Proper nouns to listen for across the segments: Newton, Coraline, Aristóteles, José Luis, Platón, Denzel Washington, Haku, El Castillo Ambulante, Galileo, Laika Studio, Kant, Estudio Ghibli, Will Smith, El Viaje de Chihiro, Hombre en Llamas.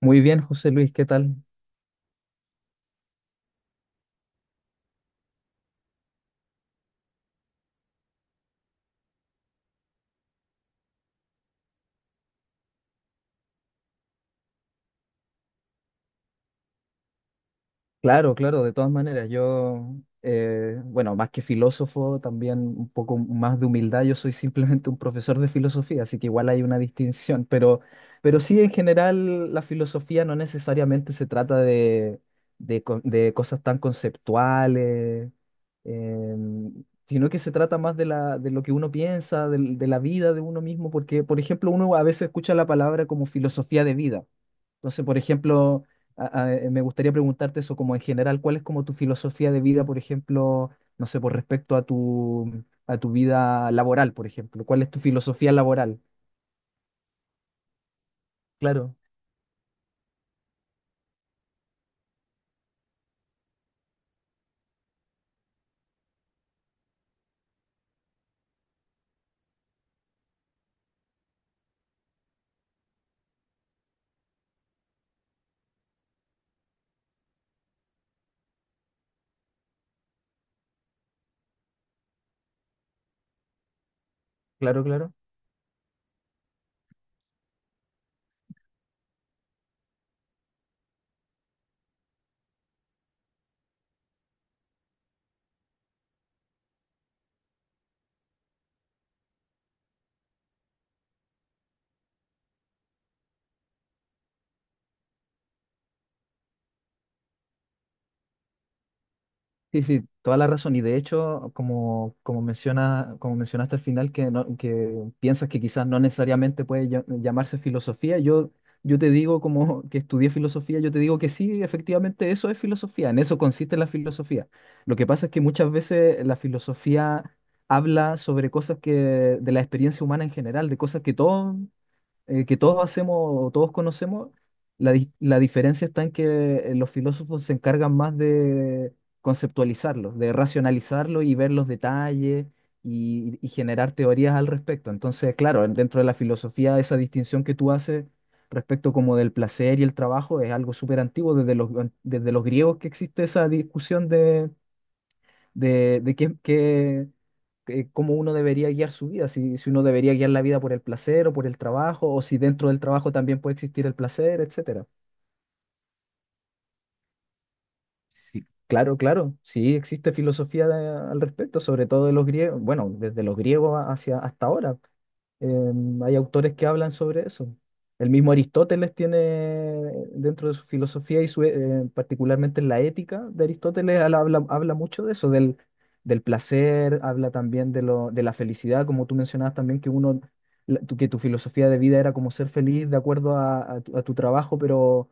Muy bien, José Luis, ¿qué tal? Claro, claro, de todas maneras, yo, bueno, más que filósofo, también un poco más de humildad, yo soy simplemente un profesor de filosofía, así que igual hay una distinción, pero, sí, en general, la filosofía no necesariamente se trata de cosas tan conceptuales, sino que se trata más de, de lo que uno piensa, de la vida de uno mismo, porque, por ejemplo, uno a veces escucha la palabra como filosofía de vida. Entonces, por ejemplo, me gustaría preguntarte eso como en general, ¿cuál es como tu filosofía de vida, por ejemplo, no sé, por respecto a tu vida laboral, por ejemplo? ¿Cuál es tu filosofía laboral? Claro, claro, claro. Sí, sí, toda la razón. Y de hecho, como, como mencionaste al final, que piensas que quizás no necesariamente puede llamarse filosofía, yo te digo como que estudié filosofía, yo te digo que sí, efectivamente eso es filosofía, en eso consiste la filosofía. Lo que pasa es que muchas veces la filosofía habla sobre cosas que, de la experiencia humana en general, de cosas que todos hacemos, todos conocemos, la diferencia está en que los filósofos se encargan más de conceptualizarlo, de racionalizarlo y ver los detalles y generar teorías al respecto. Entonces, claro, dentro de la filosofía, esa distinción que tú haces respecto como del placer y el trabajo es algo súper antiguo, desde los griegos que existe esa discusión de, cómo uno debería guiar su vida, si uno debería guiar la vida por el placer o por el trabajo, o si dentro del trabajo también puede existir el placer, etcétera. Sí, claro, claro, sí existe filosofía al respecto, sobre todo de los griegos, bueno, desde los griegos hacia hasta ahora. Hay autores que hablan sobre eso. El mismo Aristóteles tiene dentro de su filosofía y su, particularmente en la ética de Aristóteles, habla mucho de eso, del placer, habla también de la felicidad, como tú mencionabas también que uno, que tu filosofía de vida era como ser feliz de acuerdo a, a tu trabajo, pero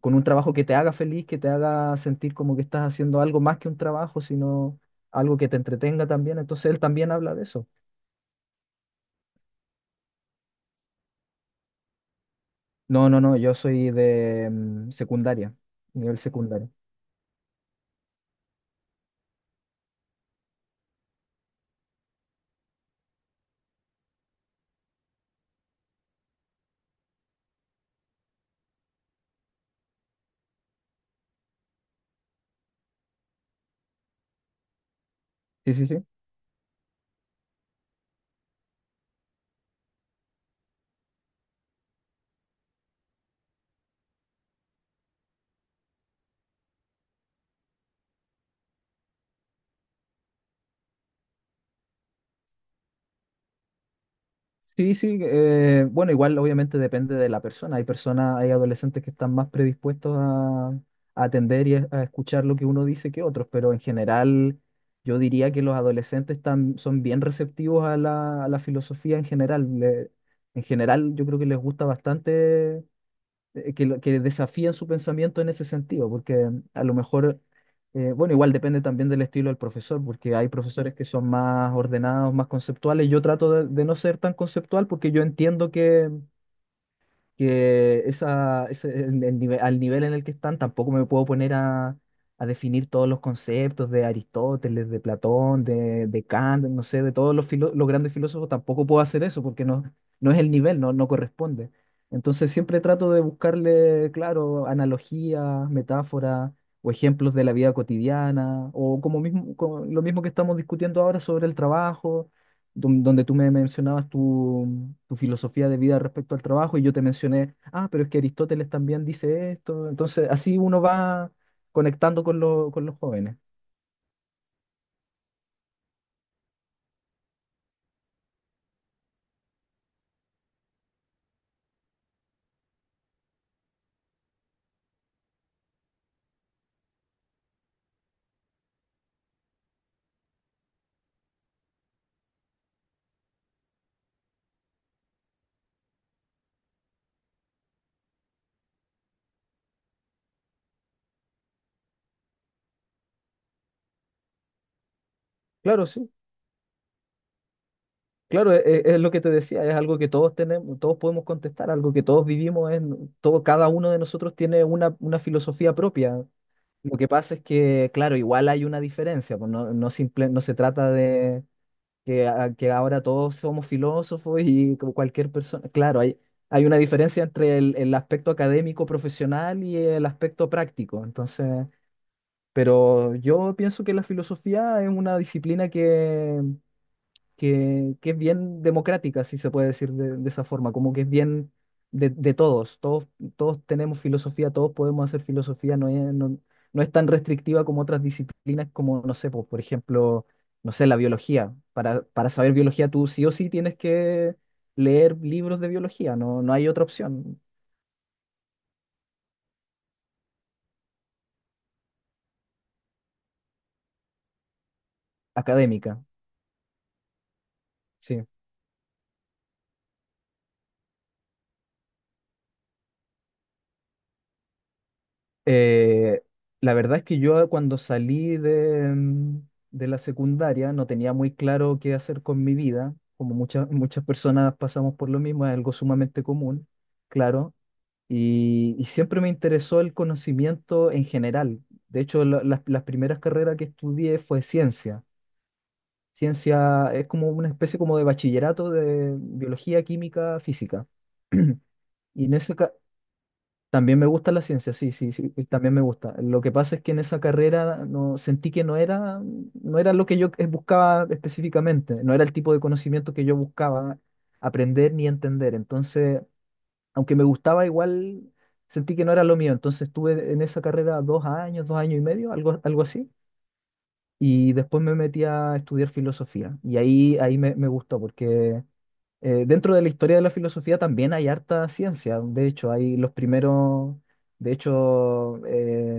con un trabajo que te haga feliz, que te haga sentir como que estás haciendo algo más que un trabajo, sino algo que te entretenga también. Entonces él también habla de eso. No, no, no, yo soy de secundaria, nivel secundario. Sí, sí, sí. Sí, sí, bueno, igual obviamente depende de la persona. Hay personas, hay adolescentes que están más predispuestos a atender y a escuchar lo que uno dice que otros, pero en general yo diría que los adolescentes están, son bien receptivos a la filosofía en general. En general yo creo que les gusta bastante que desafían su pensamiento en ese sentido, porque a lo mejor, bueno, igual depende también del estilo del profesor, porque hay profesores que son más ordenados, más conceptuales. Yo trato de no ser tan conceptual porque yo entiendo que esa, ese- el nive- al nivel en el que están, tampoco me puedo poner a definir todos los conceptos de Aristóteles, de Platón, de Kant, no sé, de todos los, los grandes filósofos, tampoco puedo hacer eso porque no es el nivel, no corresponde. Entonces siempre trato de buscarle, claro, analogías, metáforas o ejemplos de la vida cotidiana, o como mismo, como lo mismo que estamos discutiendo ahora sobre el trabajo donde tú me mencionabas tu, tu filosofía de vida respecto al trabajo y yo te mencioné, ah, pero es que Aristóteles también dice esto. Entonces, así uno va conectando con, con los jóvenes. Claro, sí. Claro, es, lo que te decía, es algo que todos tenemos, todos podemos contestar, algo que todos vivimos, es, todo, cada uno de nosotros tiene una filosofía propia. Lo que pasa es que, claro, igual hay una diferencia, pues no simple, no se trata de, que ahora todos somos filósofos y como cualquier persona. Claro, hay una diferencia entre el aspecto académico profesional y el aspecto práctico. Entonces, pero yo pienso que la filosofía es una disciplina que es bien democrática, si se puede decir de esa forma, como que es bien de, de todos, tenemos filosofía, todos podemos hacer filosofía, no es tan restrictiva como otras disciplinas, como, no sé, pues, por ejemplo, no sé, la biología. Para saber biología, tú sí o sí tienes que leer libros de biología, no hay otra opción académica. Sí. Eh, la verdad es que yo cuando salí de la secundaria no tenía muy claro qué hacer con mi vida, como muchas personas pasamos por lo mismo, es algo sumamente común, claro, y siempre me interesó el conocimiento en general. De hecho, las primeras carreras que estudié fue ciencia. Ciencia es como una especie como de bachillerato de biología, química, física. Y en ese, ca- También me gusta la ciencia, sí, sí, sí, también me gusta. Lo que pasa es que en esa carrera sentí que no era lo que yo buscaba específicamente, no era el tipo de conocimiento que yo buscaba aprender ni entender. Entonces, aunque me gustaba igual, sentí que no era lo mío. Entonces estuve en esa carrera dos años y medio, algo, algo así. Y después me metí a estudiar filosofía. Y ahí me gustó, porque dentro de la historia de la filosofía también hay harta ciencia. De hecho, hay los primeros, de hecho, eh,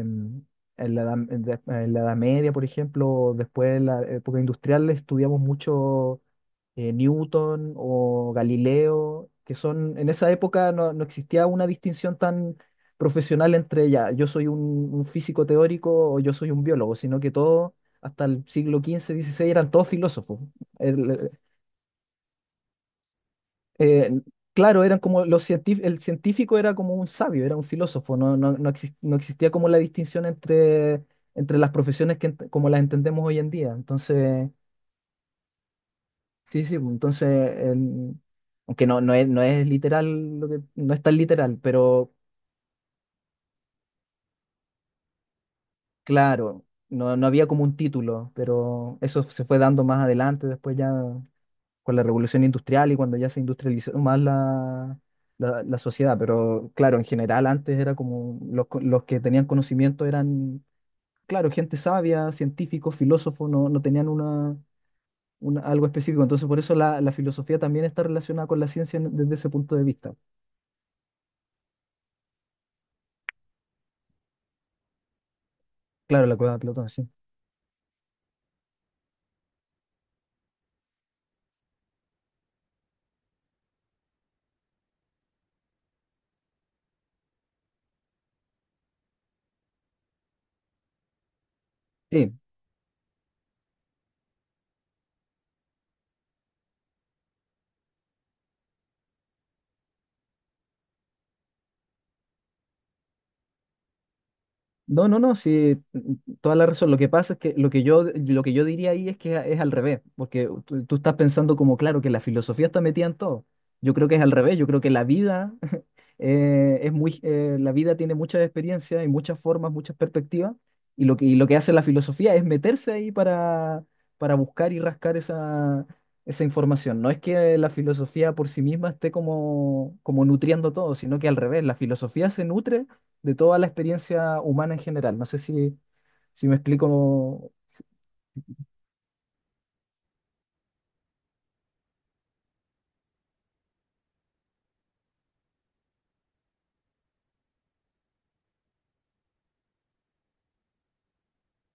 en la edad, en de- en la Edad Media, por ejemplo, después en la época industrial, estudiamos mucho Newton o Galileo, que son, en esa época no existía una distinción tan profesional entre ya, yo soy un físico teórico o yo soy un biólogo, sino que todos hasta el siglo XV, XVI, eran todos filósofos. El- eh, claro, eran como los el científico era como un sabio, era un filósofo, no existía como la distinción entre, entre las profesiones que como las entendemos hoy en día. Entonces, sí, sí, pues, entonces, el- aunque no, no es literal, lo que, no es tan literal, pero claro, no, no había como un título, pero eso se fue dando más adelante, después ya. Con la revolución industrial y cuando ya se industrializó más la, la sociedad. Pero claro, en general antes era como los, los que tenían conocimiento eran, claro, gente sabia, científicos, filósofos, no tenían una, algo específico. Entonces por eso la, la filosofía también está relacionada con la ciencia desde ese punto de vista. Claro, la cueva de Platón, sí. Sí. No, no, no, sí, toda la razón. Lo que pasa es que lo que yo diría ahí es que es al revés, porque tú estás pensando como, claro, que la filosofía está metida en todo. Yo creo que es al revés, yo creo que la vida es muy, la vida tiene muchas experiencias y muchas formas, muchas perspectivas, y lo que hace la filosofía es meterse ahí para buscar y rascar esa, esa información. No es que la filosofía por sí misma esté como, como nutriendo todo, sino que al revés, la filosofía se nutre de toda la experiencia humana en general. No sé si me explico.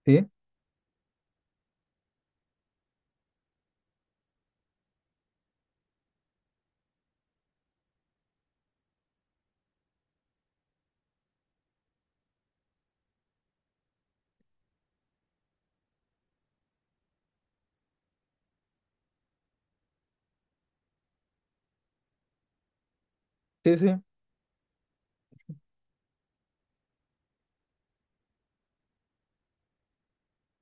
¿Sí? Sí, sí.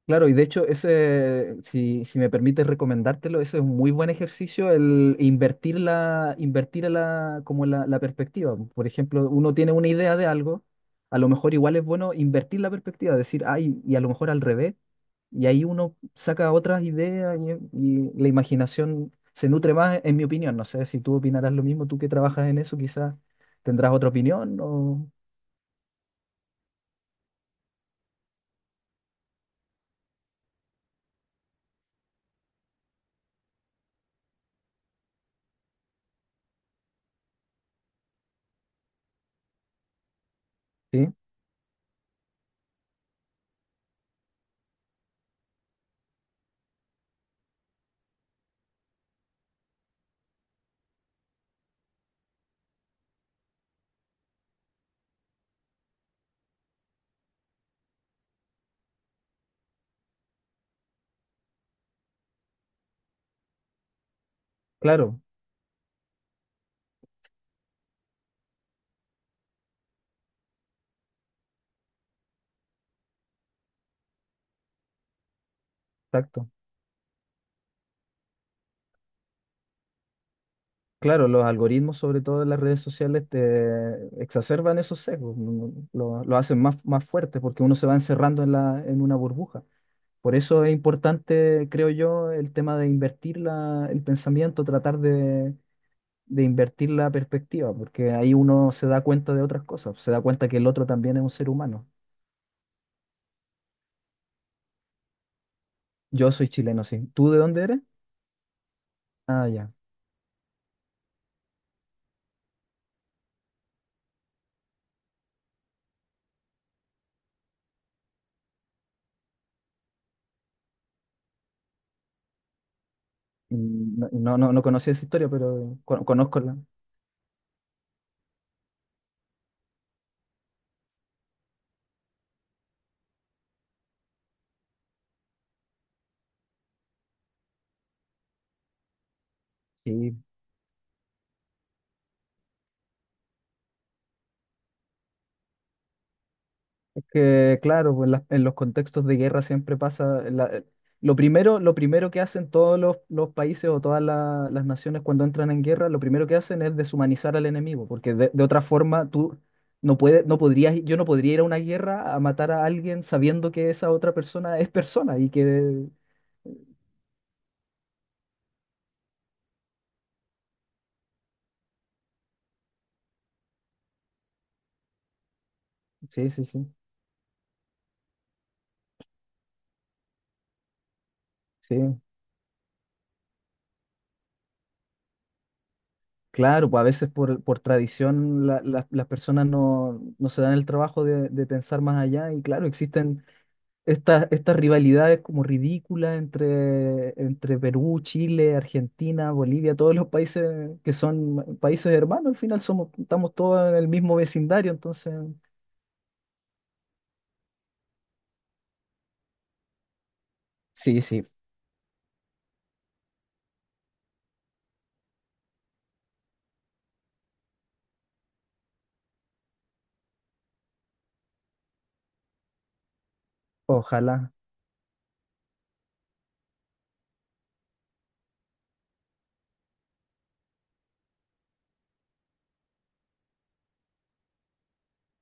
Claro, y de hecho, ese, si me permites recomendártelo, ese es un muy buen ejercicio, el invertir la, invertir la perspectiva. Por ejemplo, uno tiene una idea de algo, a lo mejor igual es bueno invertir la perspectiva, decir, ay, y a lo mejor al revés, y ahí uno saca otras ideas y, y la imaginación se nutre más, en mi opinión. No sé si tú opinarás lo mismo, tú que trabajas en eso, quizás tendrás otra opinión, o... Sí, claro, exacto. Claro, los algoritmos, sobre todo en las redes sociales, te exacerban esos sesgos, lo hacen más fuerte porque uno se va encerrando en la, en una burbuja. Por eso es importante, creo yo, el tema de invertir el pensamiento, tratar de invertir la perspectiva, porque ahí uno se da cuenta de otras cosas, se da cuenta que el otro también es un ser humano. Yo soy chileno, sí. ¿Tú de dónde eres? Ah, ya. Mm, no, no, no, no conocí esa historia, pero conozco la... Sí. Es que, claro, pues, en los contextos de guerra siempre pasa. Lo primero, lo primero que hacen todos los países o todas las naciones cuando entran en guerra, lo primero que hacen es deshumanizar al enemigo, porque de otra forma tú no puedes, no podrías, yo no podría ir a una guerra a matar a alguien sabiendo que esa otra persona es persona y que Sí, sí, sí, sí. Claro, pues a veces por tradición las personas no se dan el trabajo de pensar más allá y claro, existen estas rivalidades como ridículas entre, entre Perú, Chile, Argentina, Bolivia, todos los países que son países hermanos, al final somos, estamos todos en el mismo vecindario, entonces sí, sí, ojalá.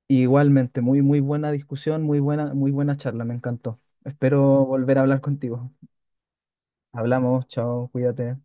Igualmente, muy, muy buena discusión, muy buena charla, me encantó. Espero volver a hablar contigo. Hablamos, chao, cuídate.